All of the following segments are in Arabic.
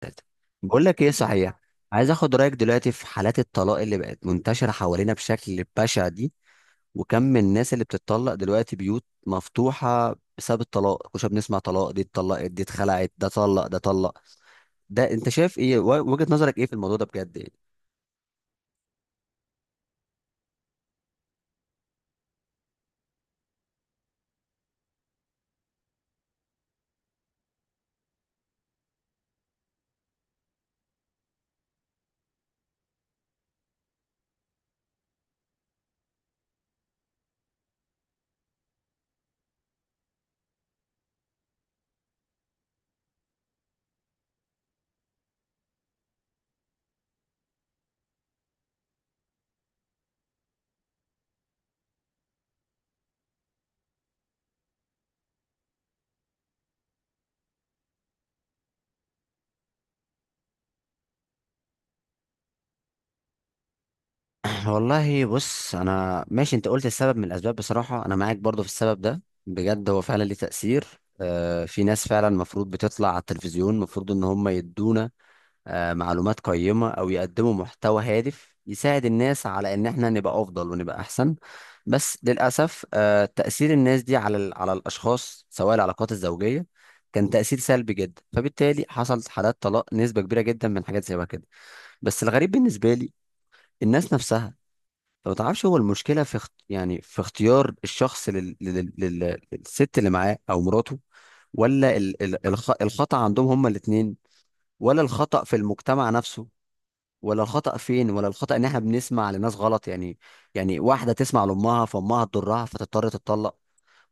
ثلاثة. بقول لك ايه، صحيح؟ عايز اخد رايك دلوقتي في حالات الطلاق اللي بقت منتشره حوالينا بشكل بشع دي. وكم من الناس اللي بتتطلق دلوقتي، بيوت مفتوحه بسبب الطلاق. كنا بنسمع طلاق، دي اتطلقت، دي اتخلعت، ده طلق، ده طلق. ده انت شايف ايه؟ وجهه نظرك ايه في الموضوع ده بجد يعني؟ والله بص، انا ماشي، انت قلت السبب من الاسباب. بصراحه انا معاك برضو في السبب ده بجد، هو فعلا ليه تاثير. في ناس فعلا المفروض بتطلع على التلفزيون، المفروض ان هم يدونا معلومات قيمة أو يقدموا محتوى هادف يساعد الناس على إن إحنا نبقى أفضل ونبقى أحسن. بس للأسف تأثير الناس دي على على الأشخاص، سواء العلاقات الزوجية، كان تأثير سلبي جدا، فبالتالي حصلت حالات طلاق نسبة كبيرة جدا من حاجات زي كده. بس الغريب بالنسبة لي، الناس نفسها، فما تعرفش، هو المشكلة في يعني في اختيار الشخص للست اللي معاه أو مراته؟ ولا الخطأ عندهم هما الاتنين؟ ولا الخطأ في المجتمع نفسه؟ ولا الخطأ فين؟ ولا الخطأ ان احنا بنسمع لناس غلط يعني؟ يعني واحدة تسمع لأمها فأمها تضرها فتضطر تتطلق.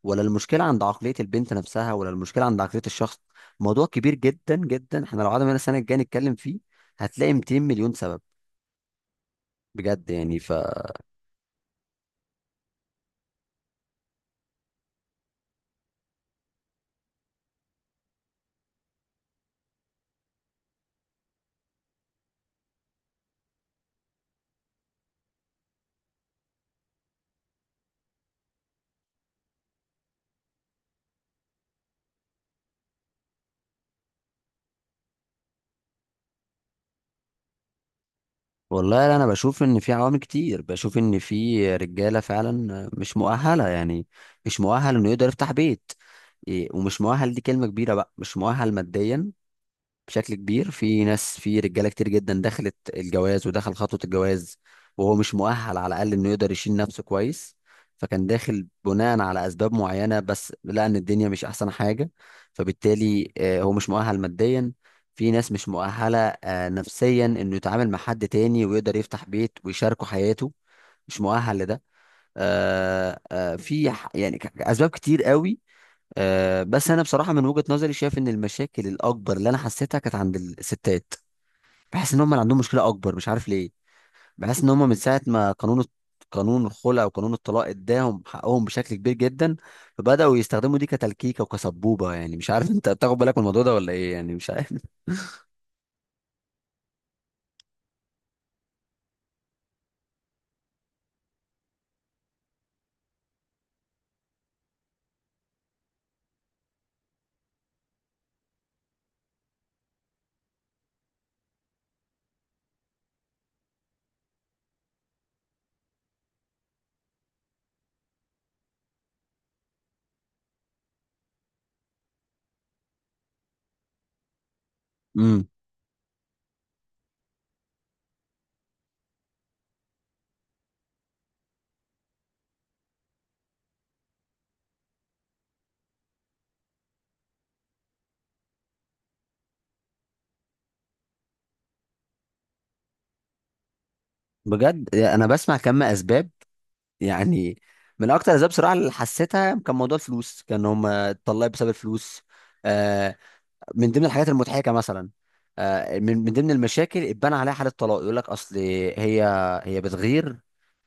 ولا المشكلة عند عقلية البنت نفسها؟ ولا المشكلة عند عقلية الشخص؟ موضوع كبير جدا جدا، احنا لو قعدنا هنا السنة الجاية نتكلم فيه هتلاقي 200 مليون سبب. بجد يعني، ف والله انا بشوف ان في عوامل كتير. بشوف ان في رجالة فعلا مش مؤهلة يعني. مش مؤهل انه يقدر يفتح بيت. إيه، ومش مؤهل دي كلمة كبيرة بقى، مش مؤهل ماديا بشكل كبير. في ناس، في رجاله كتير جدا دخلت الجواز ودخل خطوه الجواز وهو مش مؤهل على الاقل انه يقدر يشيل نفسه كويس. فكان داخل بناء على اسباب معينه بس لقى ان الدنيا مش احسن حاجه. فبالتالي هو مش مؤهل ماديا. في ناس مش مؤهله نفسيا انه يتعامل مع حد تاني ويقدر يفتح بيت ويشاركه حياته. مش مؤهل لده. في يعني اسباب كتير قوي. أه بس انا بصراحه من وجهه نظري شايف ان المشاكل الاكبر اللي انا حسيتها كانت عند الستات. بحس ان هم اللي عندهم مشكله اكبر، مش عارف ليه. بحس ان هم من ساعه ما قانون قانون الخلع وقانون الطلاق اداهم حقهم بشكل كبير جدا، فبداوا يستخدموا دي كتلكيكه وكسبوبه يعني. مش عارف انت بتاخد بالك من الموضوع ده ولا ايه يعني؟ مش عارف. امم. بجد انا بسمع كم اسباب يعني. من اكتر الاسباب بصراحه اللي حسيتها كان موضوع الفلوس، كان هم اتطلقوا بسبب الفلوس. آه، من ضمن الحاجات المضحكه مثلا، من ضمن المشاكل اتبنى عليها حاله طلاق، يقول لك اصل هي هي بتغير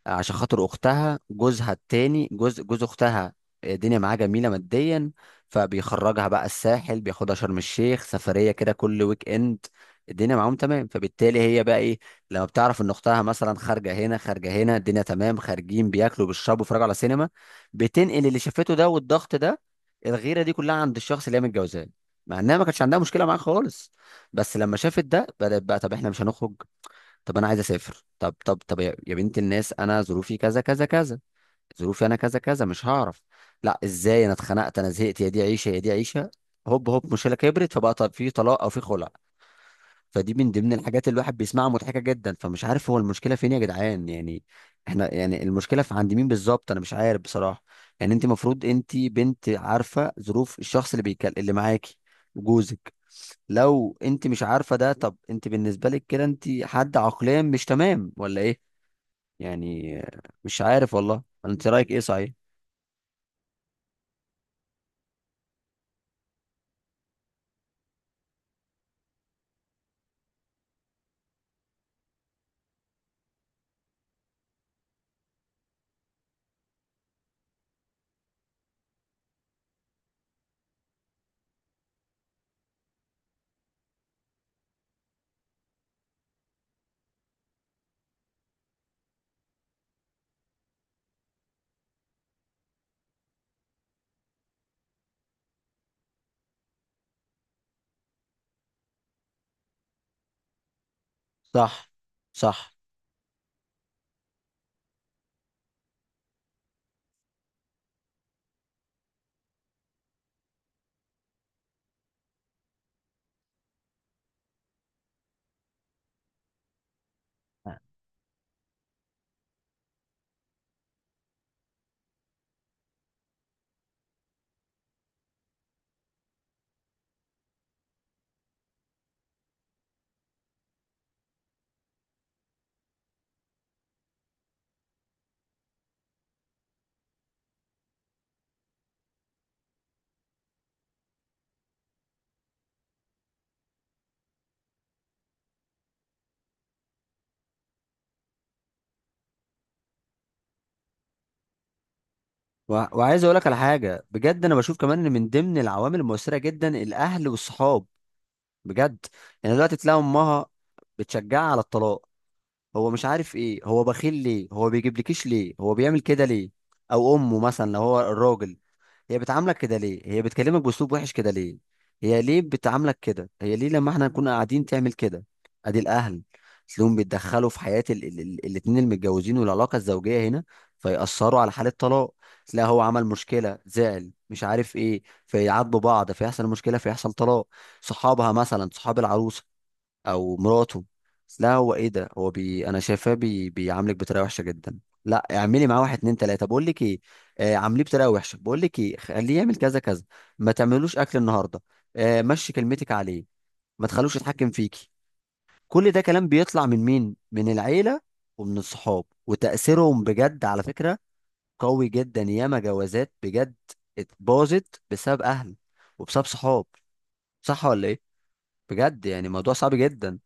عشان خاطر اختها. جوزها التاني، جوز اختها، الدنيا معاه جميله ماديا، فبيخرجها بقى الساحل، بياخدها شرم الشيخ سفريه كده كل ويك اند، الدنيا معاهم تمام. فبالتالي هي بقى ايه، لما بتعرف ان اختها مثلا خارجه هنا خارجه هنا، الدنيا تمام، خارجين بياكلوا بيشربوا بيتفرجوا على سينما، بتنقل اللي شافته ده والضغط ده الغيره دي كلها عند الشخص اللي هي متجوزاه، مع انها ما كانتش عندها مشكله معاه خالص. بس لما شافت ده بدات بقى، طب احنا مش هنخرج؟ طب انا عايز اسافر. طب طب طب، يا بنت الناس، انا ظروفي كذا كذا كذا، ظروفي انا كذا كذا، مش هعرف. لا ازاي، انا اتخنقت، انا زهقت، يا دي عيشه، يا دي عيشه. هوب هوب، مشكله كبرت، فبقى طب في طلاق او في خلع. فدي من ضمن الحاجات اللي الواحد بيسمعها مضحكه جدا. فمش عارف هو المشكله فين يا جدعان يعني. احنا يعني المشكله في عند مين بالظبط، انا مش عارف بصراحه. يعني انت المفروض انت بنت عارفه ظروف الشخص اللي بيكل اللي معاكي، جوزك. لو انت مش عارفه ده، طب انت بالنسبه لك كده انت حد عقليا مش تمام ولا ايه؟ يعني مش عارف والله. ولا انت رايك ايه، صحيح؟ صح. صح. و... وعايز اقول لك على حاجه بجد، انا بشوف كمان ان من ضمن العوامل المؤثره جدا الاهل والصحاب، بجد يعني. دلوقتي تلاقي امها بتشجعها على الطلاق، هو مش عارف ايه، هو بخيل ليه، هو بيجيبلكيش ليه، هو بيعمل كده ليه. او امه مثلا لو هو الراجل، هي بتعاملك كده ليه، هي بتكلمك باسلوب وحش كده ليه، هي ليه بتعاملك كده، هي ليه لما احنا نكون قاعدين تعمل كده. ادي الاهل، تلاقيهم بيتدخلوا في حياه الاتنين المتجوزين والعلاقه الزوجيه هنا، فيأثروا على حاله طلاق. تلاقي هو عمل مشكله، زعل مش عارف ايه، فيعاتبوا بعض، فيحصل مشكله، فيحصل طلاق. صحابها مثلا، صحاب العروسه او مراته، لا هو ايه ده، هو انا شايفاه بيعاملك بطريقه وحشه جدا، لا اعملي معاه واحد اتنين تلاته، بقول لك ايه، آه عامليه بطريقه وحشه، بقول لك ايه خليه يعمل كذا كذا، ما تعملوش اكل النهارده، آه مشي كلمتك عليه، ما تخلوش يتحكم فيكي. كل ده كلام بيطلع من مين؟ من العيله ومن الصحاب، وتاثيرهم بجد على فكره قوي جدا. ياما جوازات بجد اتباظت بسبب اهل وبسبب صحاب. صح ولا ايه؟ بجد يعني موضوع صعب جدا.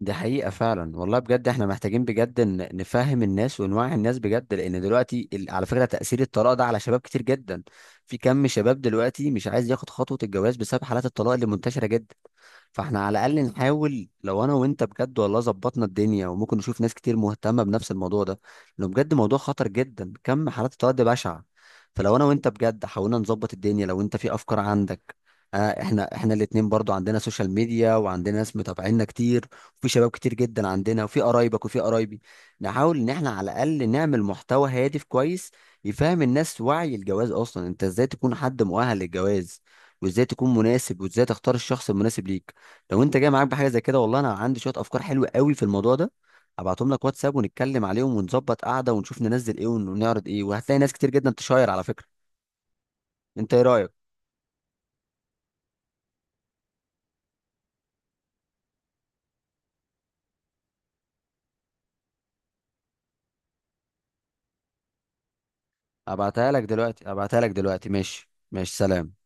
دي حقيقة فعلا والله، بجد احنا محتاجين بجد نفهم الناس ونوعي الناس بجد. لان دلوقتي على فكرة تأثير الطلاق ده على شباب كتير جدا. في كم شباب دلوقتي مش عايز ياخد خطوة الجواز بسبب حالات الطلاق اللي منتشرة جدا. فاحنا على الاقل نحاول، لو انا وانت بجد والله ظبطنا الدنيا، وممكن نشوف ناس كتير مهتمه بنفس الموضوع ده، لانه بجد موضوع خطر جدا، كم حالات التوعية بشعه. فلو انا وانت بجد حاولنا نظبط الدنيا، لو انت في افكار عندك. آه، احنا الاتنين برضو عندنا سوشيال ميديا، وعندنا ناس متابعينا كتير، وفي شباب كتير جدا عندنا، وفي قرايبك وفي قرايبي. نحاول ان احنا على الاقل نعمل محتوى هادف كويس يفهم الناس وعي الجواز، اصلا انت ازاي تكون حد مؤهل للجواز وازاي تكون مناسب وازاي تختار الشخص المناسب ليك. لو انت جاي معاك بحاجه زي كده، والله انا عندي شويه افكار حلوه قوي في الموضوع ده، هبعتهم لك واتساب ونتكلم عليهم ونظبط قعده ونشوف ننزل ايه ونعرض ايه، وهتلاقي ناس كتير جدا تشاير على فكره. انت ايه رايك؟ ابعتها لك دلوقتي، ابعتها لك دلوقتي. ماشي ماشي، سلام.